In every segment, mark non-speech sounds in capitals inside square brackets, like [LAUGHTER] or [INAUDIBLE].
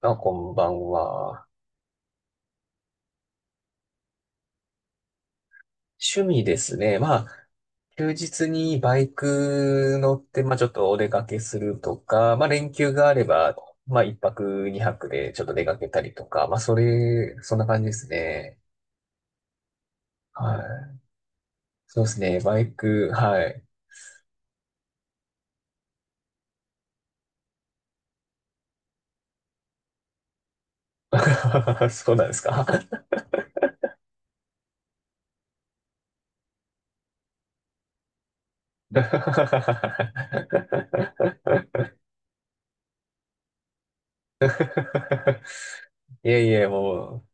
あ、こんばんは。趣味ですね。まあ、休日にバイク乗って、まあちょっとお出かけするとか、まあ連休があれば、まあ一泊二泊でちょっと出かけたりとか、まあそれ、そんな感じですね。はい。そうですね。バイク、はい。[LAUGHS] そうなんですか。[LAUGHS] いえいえ、もう、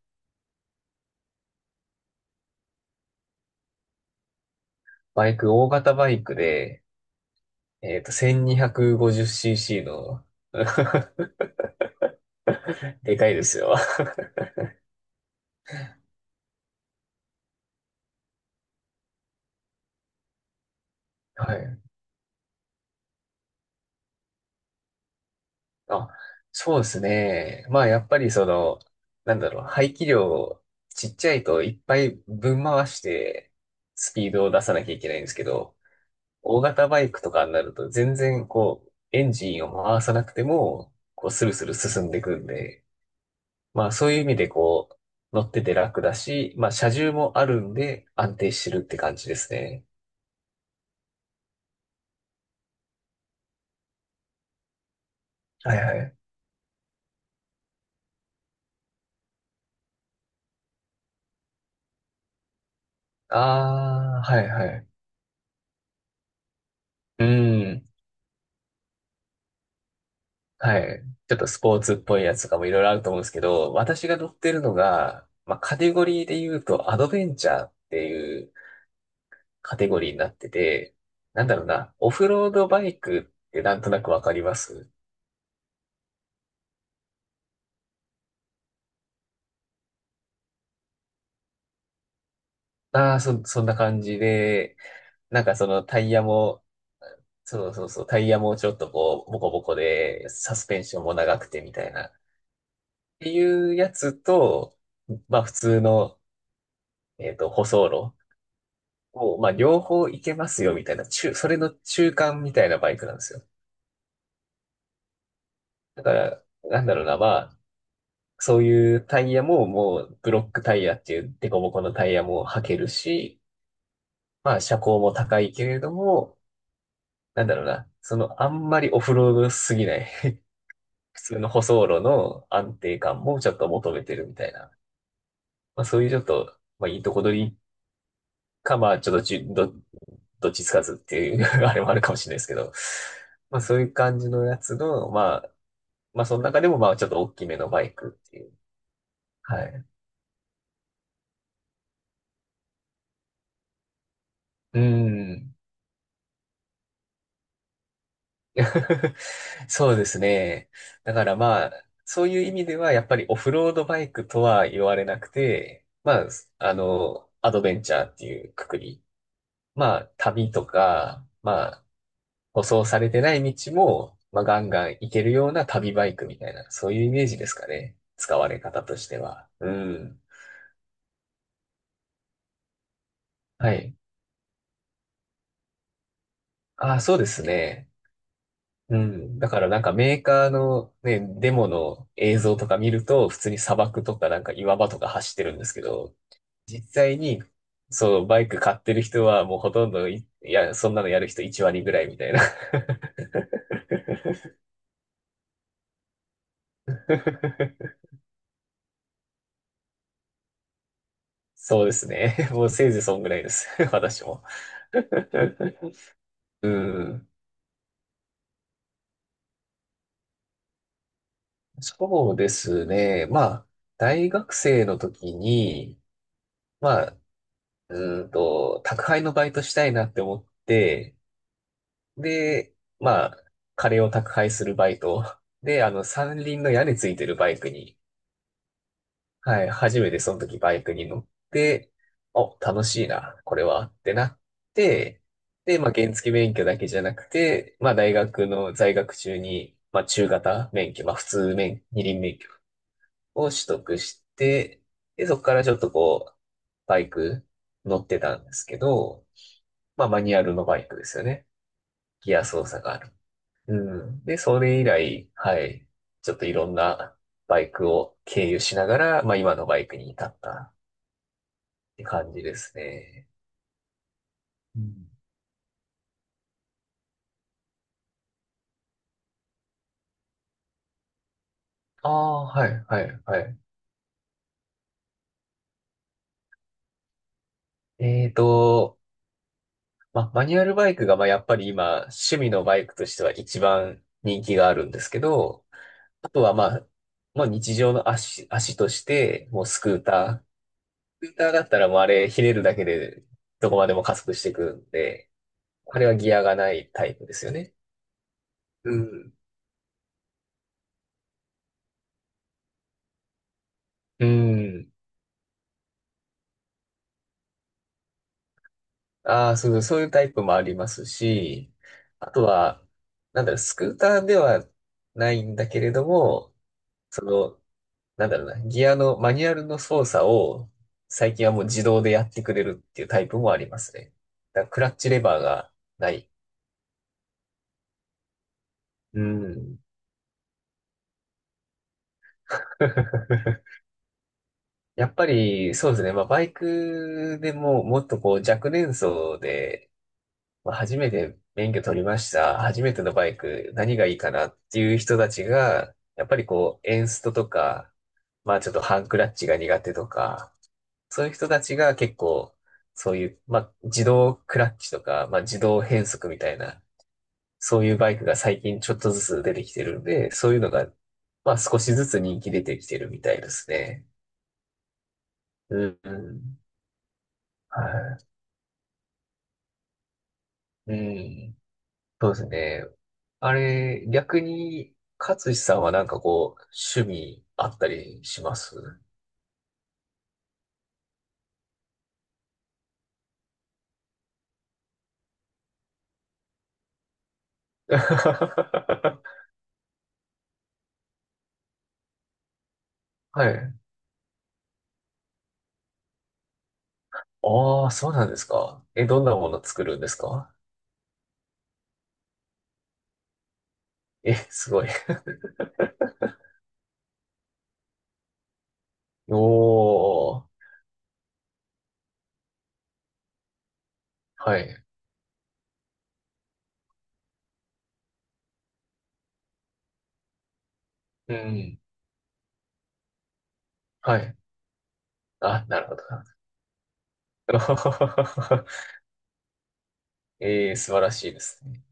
バイク、大型バイクで、1250cc の [LAUGHS] [LAUGHS] でかいですよ。[LAUGHS] はい。あ、そうですね。まあ、やっぱりその、なんだろう、排気量ちっちゃいといっぱいぶん回して、スピードを出さなきゃいけないんですけど、大型バイクとかになると全然こう、エンジンを回さなくても、こう、スルスル進んでいくんで、まあ、そういう意味でこう、乗ってて楽だし、まあ、車重もあるんで安定してるって感じですね。はいはい。ああ、はいはい。うん。はい。ちょっとスポーツっぽいやつとかもいろいろあると思うんですけど、私が乗ってるのが、まあ、カテゴリーで言うとアドベンチャーっていうカテゴリーになってて、なんだろうな、オフロードバイクってなんとなくわかります？ああー、そんな感じで、なんかそのタイヤも、そうそうそう、タイヤもちょっとこう、ボコボコで、サスペンションも長くてみたいな、っていうやつと、まあ普通の、舗装路。もう、まあ、両方いけますよ、みたいな、中、それの中間みたいなバイクなんですよ。だから、なんだろうな、まあ、そういうタイヤも、もう、ブロックタイヤっていうデコボコのタイヤも履けるし、まあ、車高も高いけれども、なんだろうな、その、あんまりオフロードすぎない [LAUGHS] 普通の舗装路の安定感もちょっと求めてるみたいな、まあ、そういうちょっと、まあ、いいとこ取りか、まあ、ちょっとじゅど、どっちつかずっていう [LAUGHS] あれもあるかもしれないですけど、まあそういう感じのやつの、まあまあ、その中でも、まあ、ちょっと大きめのバイクっていう。はい。うん。[LAUGHS] そうですね。だからまあ、そういう意味では、やっぱりオフロードバイクとは言われなくて、まあ、アドベンチャーっていうくくり。まあ、旅とか、まあ、舗装されてない道も、まあ、ガンガン行けるような旅バイクみたいな、そういうイメージですかね。使われ方としては。うん。はい。ああ、そうですね。うん。だからなんかメーカーのね、デモの映像とか見ると、普通に砂漠とかなんか岩場とか走ってるんですけど、実際に、そう、バイク買ってる人はもうほとんどいや、そんなのやる人1割ぐらいみたいな。[LAUGHS] そうですね。[LAUGHS] もうせいぜいそんぐらいです。[LAUGHS] 私も。[LAUGHS] うん。そうですね。まあ、大学生の時に、まあ、宅配のバイトしたいなって思って、で、まあ、カレーを宅配するバイト。で、三輪の屋根ついてるバイクに、はい、初めてその時バイクに乗って、お、楽しいな、これは、ってなって、で、まあ、原付免許だけじゃなくて、まあ、大学の在学中に、まあ、中型免許、まあ、普通免、二輪免許を取得して、で、そこからちょっとこう、バイク乗ってたんですけど、まあ、マニュアルのバイクですよね。ギア操作がある。うん。で、それ以来、はい。ちょっといろんなバイクを経由しながら、まあ今のバイクに至ったって感じですね。うん。ああ、はい、はい、はい。えーと、まあマニュアルバイクが、まあやっぱり今、趣味のバイクとしては一番人気があるんですけど、あとはまあ、まあ日常の足、足として、もうスクーター。スクーターだったらもうあれ、ひねるだけでどこまでも加速していくんで、あれはギアがないタイプですよね。うん。うん。ああ、そうそう、そういうタイプもありますし、あとは、なんだろう、スクーターではないんだけれども、その、なんだろうな、ギアの、マニュアルの操作を、最近はもう自動でやってくれるっていうタイプもありますね。だからクラッチレバーがない。うん。[LAUGHS] やっぱり、そうですね。まあ、バイクでも、もっとこう、若年層で、まあ初めて免許取りました。初めてのバイク、何がいいかなっていう人たちが、やっぱりこう、エンストとか、まあちょっとハンクラッチが苦手とか、そういう人たちが結構、そういう、まあ自動クラッチとか、まあ自動変速みたいな、そういうバイクが最近ちょっとずつ出てきてるんで、そういうのが、まあ少しずつ人気出てきてるみたいですね。うん。はい。うん。そうですね。あれ、逆に、勝志さんはなんかこう、趣味あったりします？ [LAUGHS] はい。ああ、そうなんですか。え、どんなもの作るんですか？ [LAUGHS] え、すごい。[LAUGHS] おー。はい。うん。はい。あ、なるほど。[LAUGHS] えー、素晴らしいですね。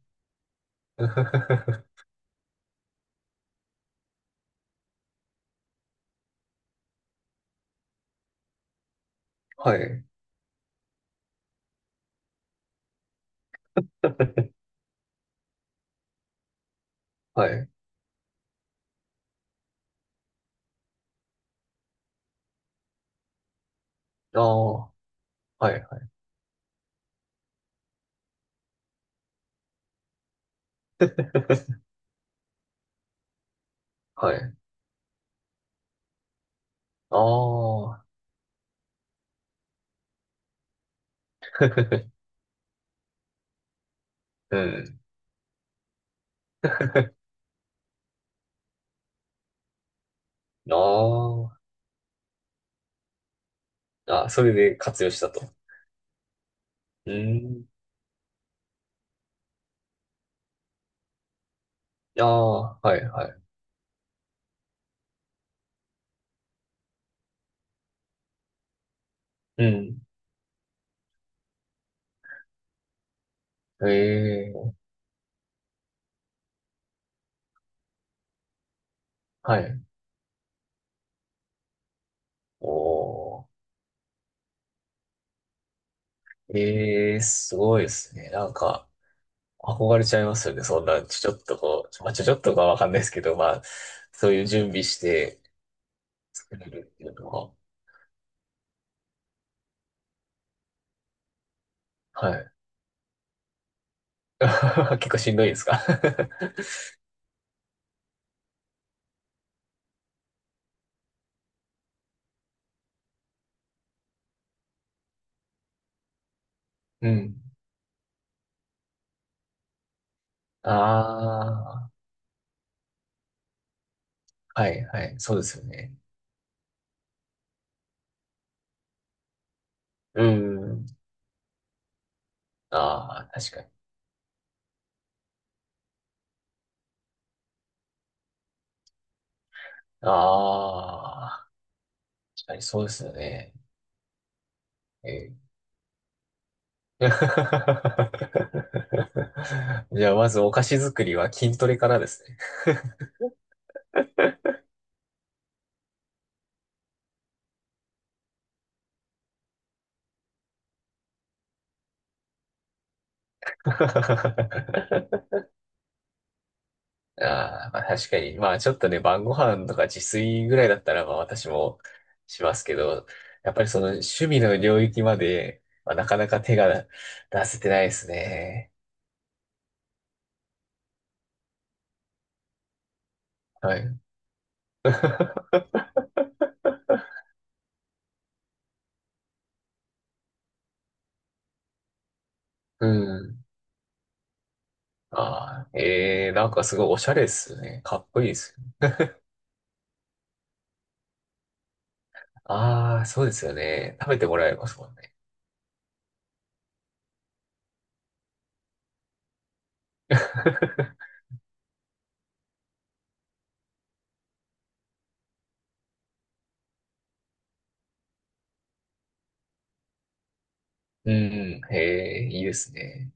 [LAUGHS] はい。[LAUGHS] はい。ああ、はい。[LAUGHS] はい。ああ。[LAUGHS] うん。ああ。あ、それで活用したと。うーん。ああ、はいはい。うん。ええ、はい。おー。ええ、すごいですね。なんか、憧れちゃいますよね。そんな、ちょっとこう、まあ、ちょっとかわかんないですけど、まあ、そういう準備して作れるっていうのは、はい。[LAUGHS] 結構しんどいですか？ [LAUGHS] うん。ああ、はいはい。そうですよね。うん。ああ、確かに。ああ、確かにそうですよね。えー [LAUGHS] じゃあ、まずお菓子作りは筋トレからですね。[LAUGHS] ああ、まあ確かに。まあちょっとね、晩ご飯とか自炊ぐらいだったら、まあ私もしますけど、やっぱりその趣味の領域まで、まあ、なかなか手が出せてないですね。はい。うん。ああ、ええなんかすごいおしゃれですね。かっこいいですね。ああ、そうですよね。食べてもらえますもんね。[LAUGHS] うん、へえ、いいですね。